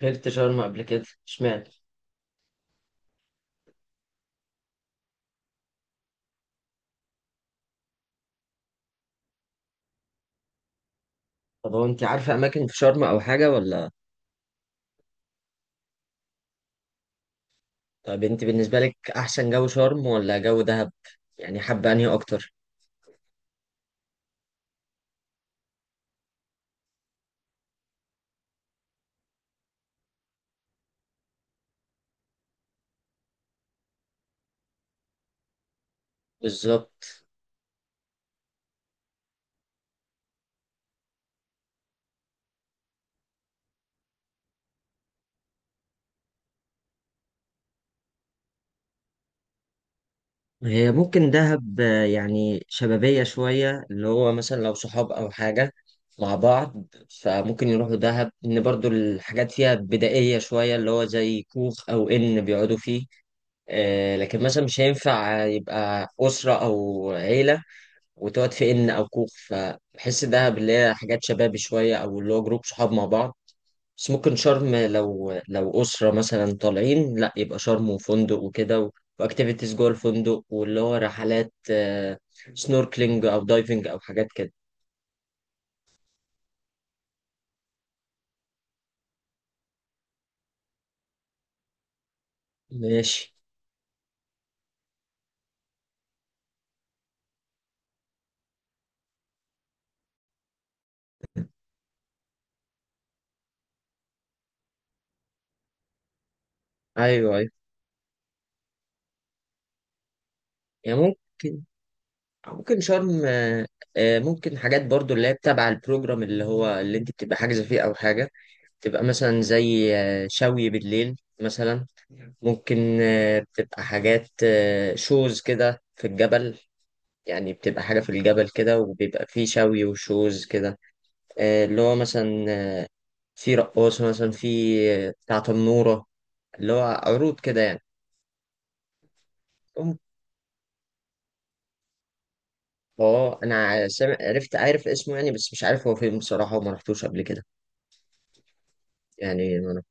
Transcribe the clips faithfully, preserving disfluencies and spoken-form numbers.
سافرت شرم قبل كده، اشمعنى؟ طب هو انت عارفه اماكن في شرم او حاجه ولا؟ طب انت بالنسبه لك، احسن جو شرم ولا جو دهب؟ يعني حابه انهي اكتر؟ بالظبط. هي ممكن دهب، آه، يعني شبابيه شويه اللي هو مثلا لو صحاب او حاجه مع بعض، فممكن يروحوا دهب ان برضو الحاجات فيها بدائيه شويه اللي هو زي كوخ او ان بيقعدوا فيه. آه، لكن مثلا مش هينفع يبقى اسره او عيله وتقعد في ان او كوخ، فبحس دهب اللي هي حاجات شبابي شويه او اللي هو جروب صحاب مع بعض. بس ممكن شرم، لو لو اسره مثلا طالعين، لا يبقى شرم وفندق وكده و- واكتيفيتيز جوه الفندق، واللي هو رحلات، آه، سنوركلينج او دايفنج او حاجات كده. ماشي. ايوه، ايوه. يعني ممكن ممكن شرم. آه، آه، ممكن حاجات برضو اللي هي تبع البروجرام، اللي هو اللي انت بتبقى حاجزه فيه او حاجه، تبقى مثلا زي آه، شوي بالليل مثلا. ممكن آه، بتبقى حاجات آه، شوز كده في الجبل، يعني بتبقى حاجة في الجبل كده وبيبقى فيه شوي وشوز كده. آه، اللي هو مثلا، آه، في رقاصة مثلا، في آه، بتاع تنورة، اللي هو عروض كده يعني. أم- اه، انا سامع، عرفت، عارف اسمه يعني، بس مش عارف هو فين بصراحة، وما رحتوش قبل كده. يعني انا.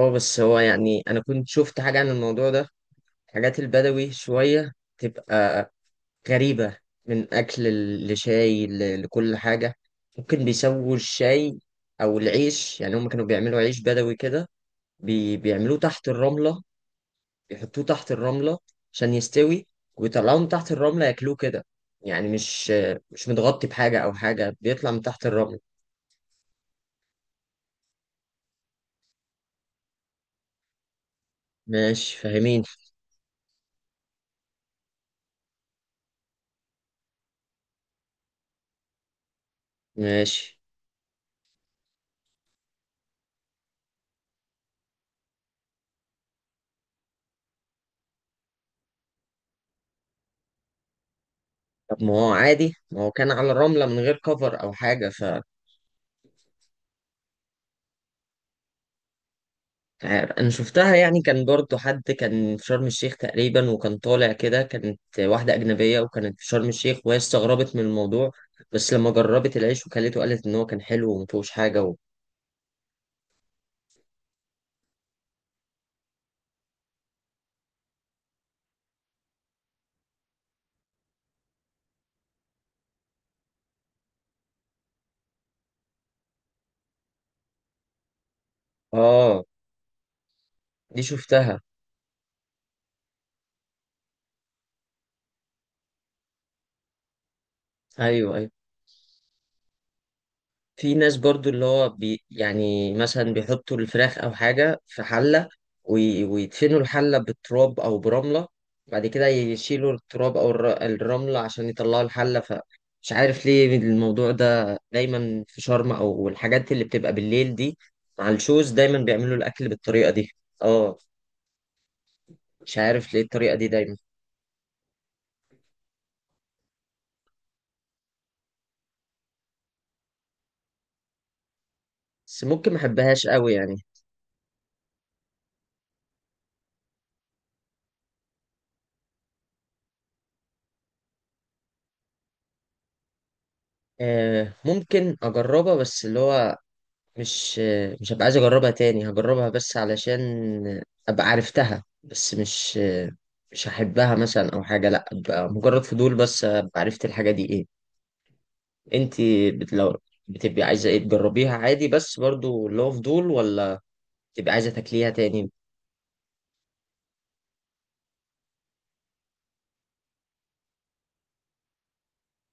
اه، بس هو يعني انا كنت شفت حاجة عن الموضوع ده. حاجات البدوي شوية تبقى غريبة، من أكل ل- لشاي ل- لكل حاجة. ممكن بيسووا الشاي أو العيش، يعني هم كانوا بيعملوا عيش بدوي كده، بي... بيعملوه تحت الرملة، بيحطوه تحت الرملة عشان يستوي، ويطلعوه من تحت الرملة ياكلوه كده. يعني مش مش متغطي بحاجة أو حاجة، بيطلع من تحت الرملة. ماشي، فاهمين. ماشي. طب ما هو عادي، ما هو كان على الرملة من غير كفر أو حاجة. مش عارف، انا شفتها يعني، كان برضو حد كان في شرم الشيخ تقريبا وكان طالع كده، كانت واحدة أجنبية وكانت في شرم الشيخ وهي استغربت من الموضوع، بس لما جربت العيش وكلته قالت إن هو كان حلو ومفيهوش حاجة و... آه، دي شفتها. أيوه، أيوه. في ناس برضو اللي هو بي يعني مثلا بيحطوا الفراخ او حاجة في حلة، وي- ويدفنوا الحلة بالتراب او برملة، بعد كده يشيلوا التراب او الر- الرملة عشان يطلعوا الحلة. فمش عارف ليه الموضوع ده دايما في شرم، او الحاجات اللي بتبقى بالليل دي مع الشوز دايما بيعملوا الاكل بالطريقة دي. اه. مش عارف ليه الطريقة دي دايما. بس ممكن ما احبهاش قوي يعني. آه، ممكن اجربها، بس اللي هو مش مش هبقى عايز اجربها تاني، هجربها بس علشان ابقى عرفتها، بس مش مش هحبها مثلا او حاجه، لا ابقى مجرد فضول، بس ابقى عرفت الحاجه دي ايه. انت بت- لو بتبقي عايزه ايه تجربيها عادي، بس برضو اللي هو فضول، ولا بتبقي عايزه تاكليها تاني؟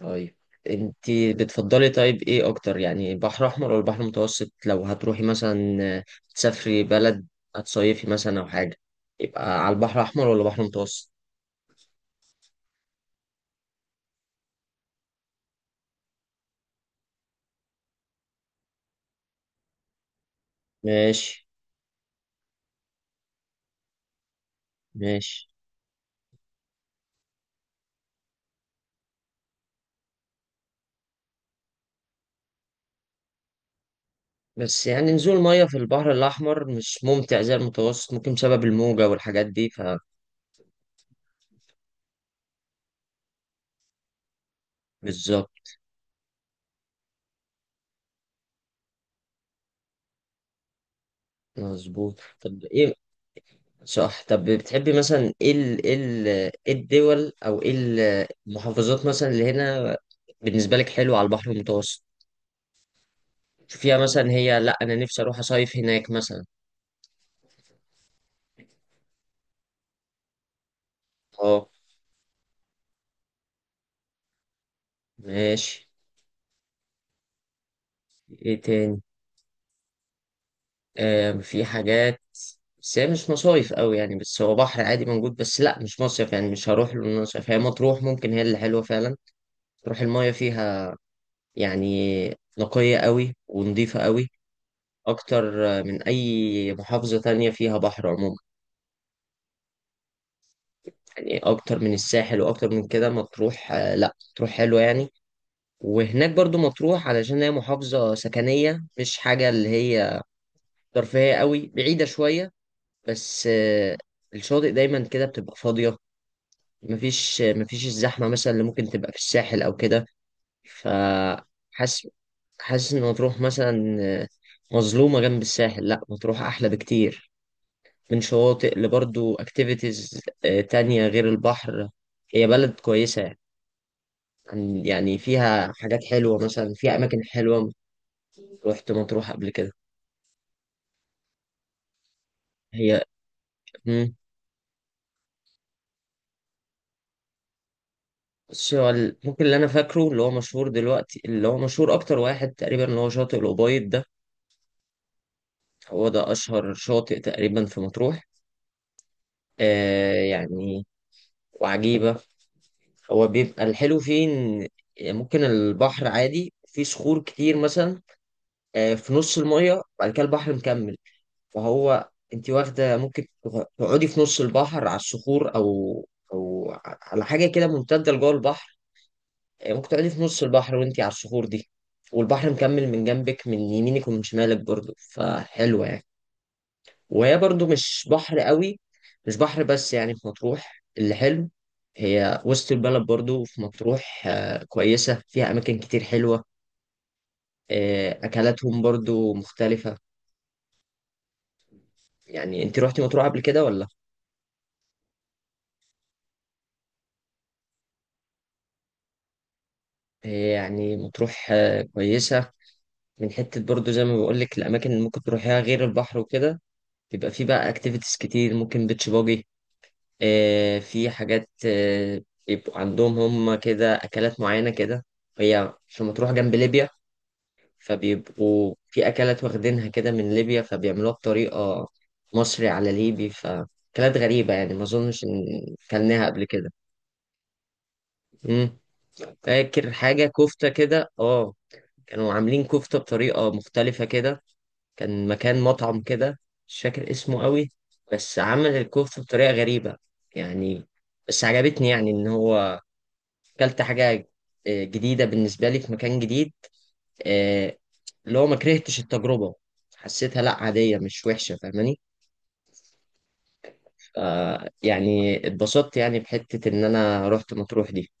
طيب. انت بتفضلي، طيب ايه اكتر يعني، بحر احمر ولا بحر متوسط، لو هتروحي مثلا تسافري بلد، هتصيفي مثلا او حاجه، يبقى على البحر الاحمر ولا بحر متوسط؟ ماشي. ماشي. بس يعني نزول مية في البحر الأحمر مش ممتع زي المتوسط، ممكن بسبب الموجة والحاجات دي. فبالظبط. مظبوط. طب إيه، صح. طب بتحبي مثلا إيه ال إيه ال إيه الدول، أو إيه ال- المحافظات مثلا اللي هنا بالنسبة لك حلوة على البحر المتوسط، شوفيها مثلا هي، لأ أنا نفسي أروح أصيف هناك مثلا. أه. ماشي. إيه تاني؟ آم، في حاجات، بس هي مش مصايف قوي يعني، بس هو بحر عادي موجود، بس لا مش مصيف، يعني مش هروح له إن أنا مصيف. هي مطروح ممكن هي اللي حلوه فعلا، تروح المايه فيها، يعني نقيه قوي ونظيفه قوي، اكتر آه، من اي محافظه تانية فيها بحر عموما، يعني اكتر من الساحل، واكتر من كده مطروح، آه، لا مطروح حلوه يعني. وهناك برضو مطروح، علشان هي محافظه سكنيه، مش حاجه اللي هي ترفيهيه قوي، بعيده شويه، بس آه، الشاطئ دايما كده بتبقى فاضيه، مفيش مفيش الزحمة مثلا اللي ممكن تبقى في الساحل أو كده. فحاسس حاسس إن مطروح مثلا مظلومة جنب الساحل، لأ مطروح أحلى بكتير من شواطئ، لبرضو أكتيفيتيز تانية غير البحر، هي بلد كويسة يعني، عن- يعني فيها حاجات حلوة مثلا، فيها أماكن حلوة. رحت مطروح قبل كده. هي. مم. بس هو ال- ممكن اللي أنا فاكره اللي هو مشهور دلوقتي، اللي هو مشهور أكتر واحد تقريبا، اللي هو شاطئ الأبيض ده، هو ده أشهر شاطئ تقريبا في مطروح. آه يعني، وعجيبة. هو بيبقى الحلو فيه إن ممكن البحر عادي فيه صخور كتير مثلا، آه في نص المية، وبعد كده البحر مكمل. فهو أنت واخدة، ممكن تغ- تقعدي في نص البحر على الصخور، أو أو ع- على حاجة كده ممتدة لجوه البحر. آه ممكن تقعدي في نص البحر وأنت على الصخور دي، والبحر مكمل من جنبك، من يمينك ومن شمالك برضه، فحلوة يعني. وهي برضو مش بحر قوي، مش بحر، بس يعني في مطروح اللي حلو هي وسط البلد برضو. في مطروح آه، كويسة، فيها أماكن كتير حلوة. آه، أكلاتهم برضو مختلفة. يعني أنت روحتي مطروح قبل كده ولا؟ آه، يعني مطروح آه، كويسة، من حتة برضو زي ما بقولك الأماكن اللي ممكن تروحيها غير البحر وكده، بيبقى فيه بقى أكتيفيتيز كتير، ممكن بيتش باجي، آه، في حاجات آه، يبقوا عندهم هم كده أكلات معينة كده. هي في مطروح جنب ليبيا، فبيبقوا في أكلات واخدينها كده من ليبيا، فبيعملوها بطريقة مصري على ليبي، فأكلات غريبة يعني، ما أظنش إن كلناها قبل كده. مم. فاكر حاجة كفتة كده، اه. كانوا عاملين كفتة بطريقة مختلفة كده، كان مكان مطعم كده، مش فاكر اسمه قوي، بس عمل الكفتة بطريقة غريبة يعني. بس عجبتني، يعني إن هو أكلت حاجة آه، جديدة بالنسبة لي في مكان جديد، آه، اللي هو ما كرهتش التجربة، حسيتها لا عادية مش وحشة، فاهماني؟ ف- يعني اتبسطت يعني بحتة ان انا رحت مطروح دي.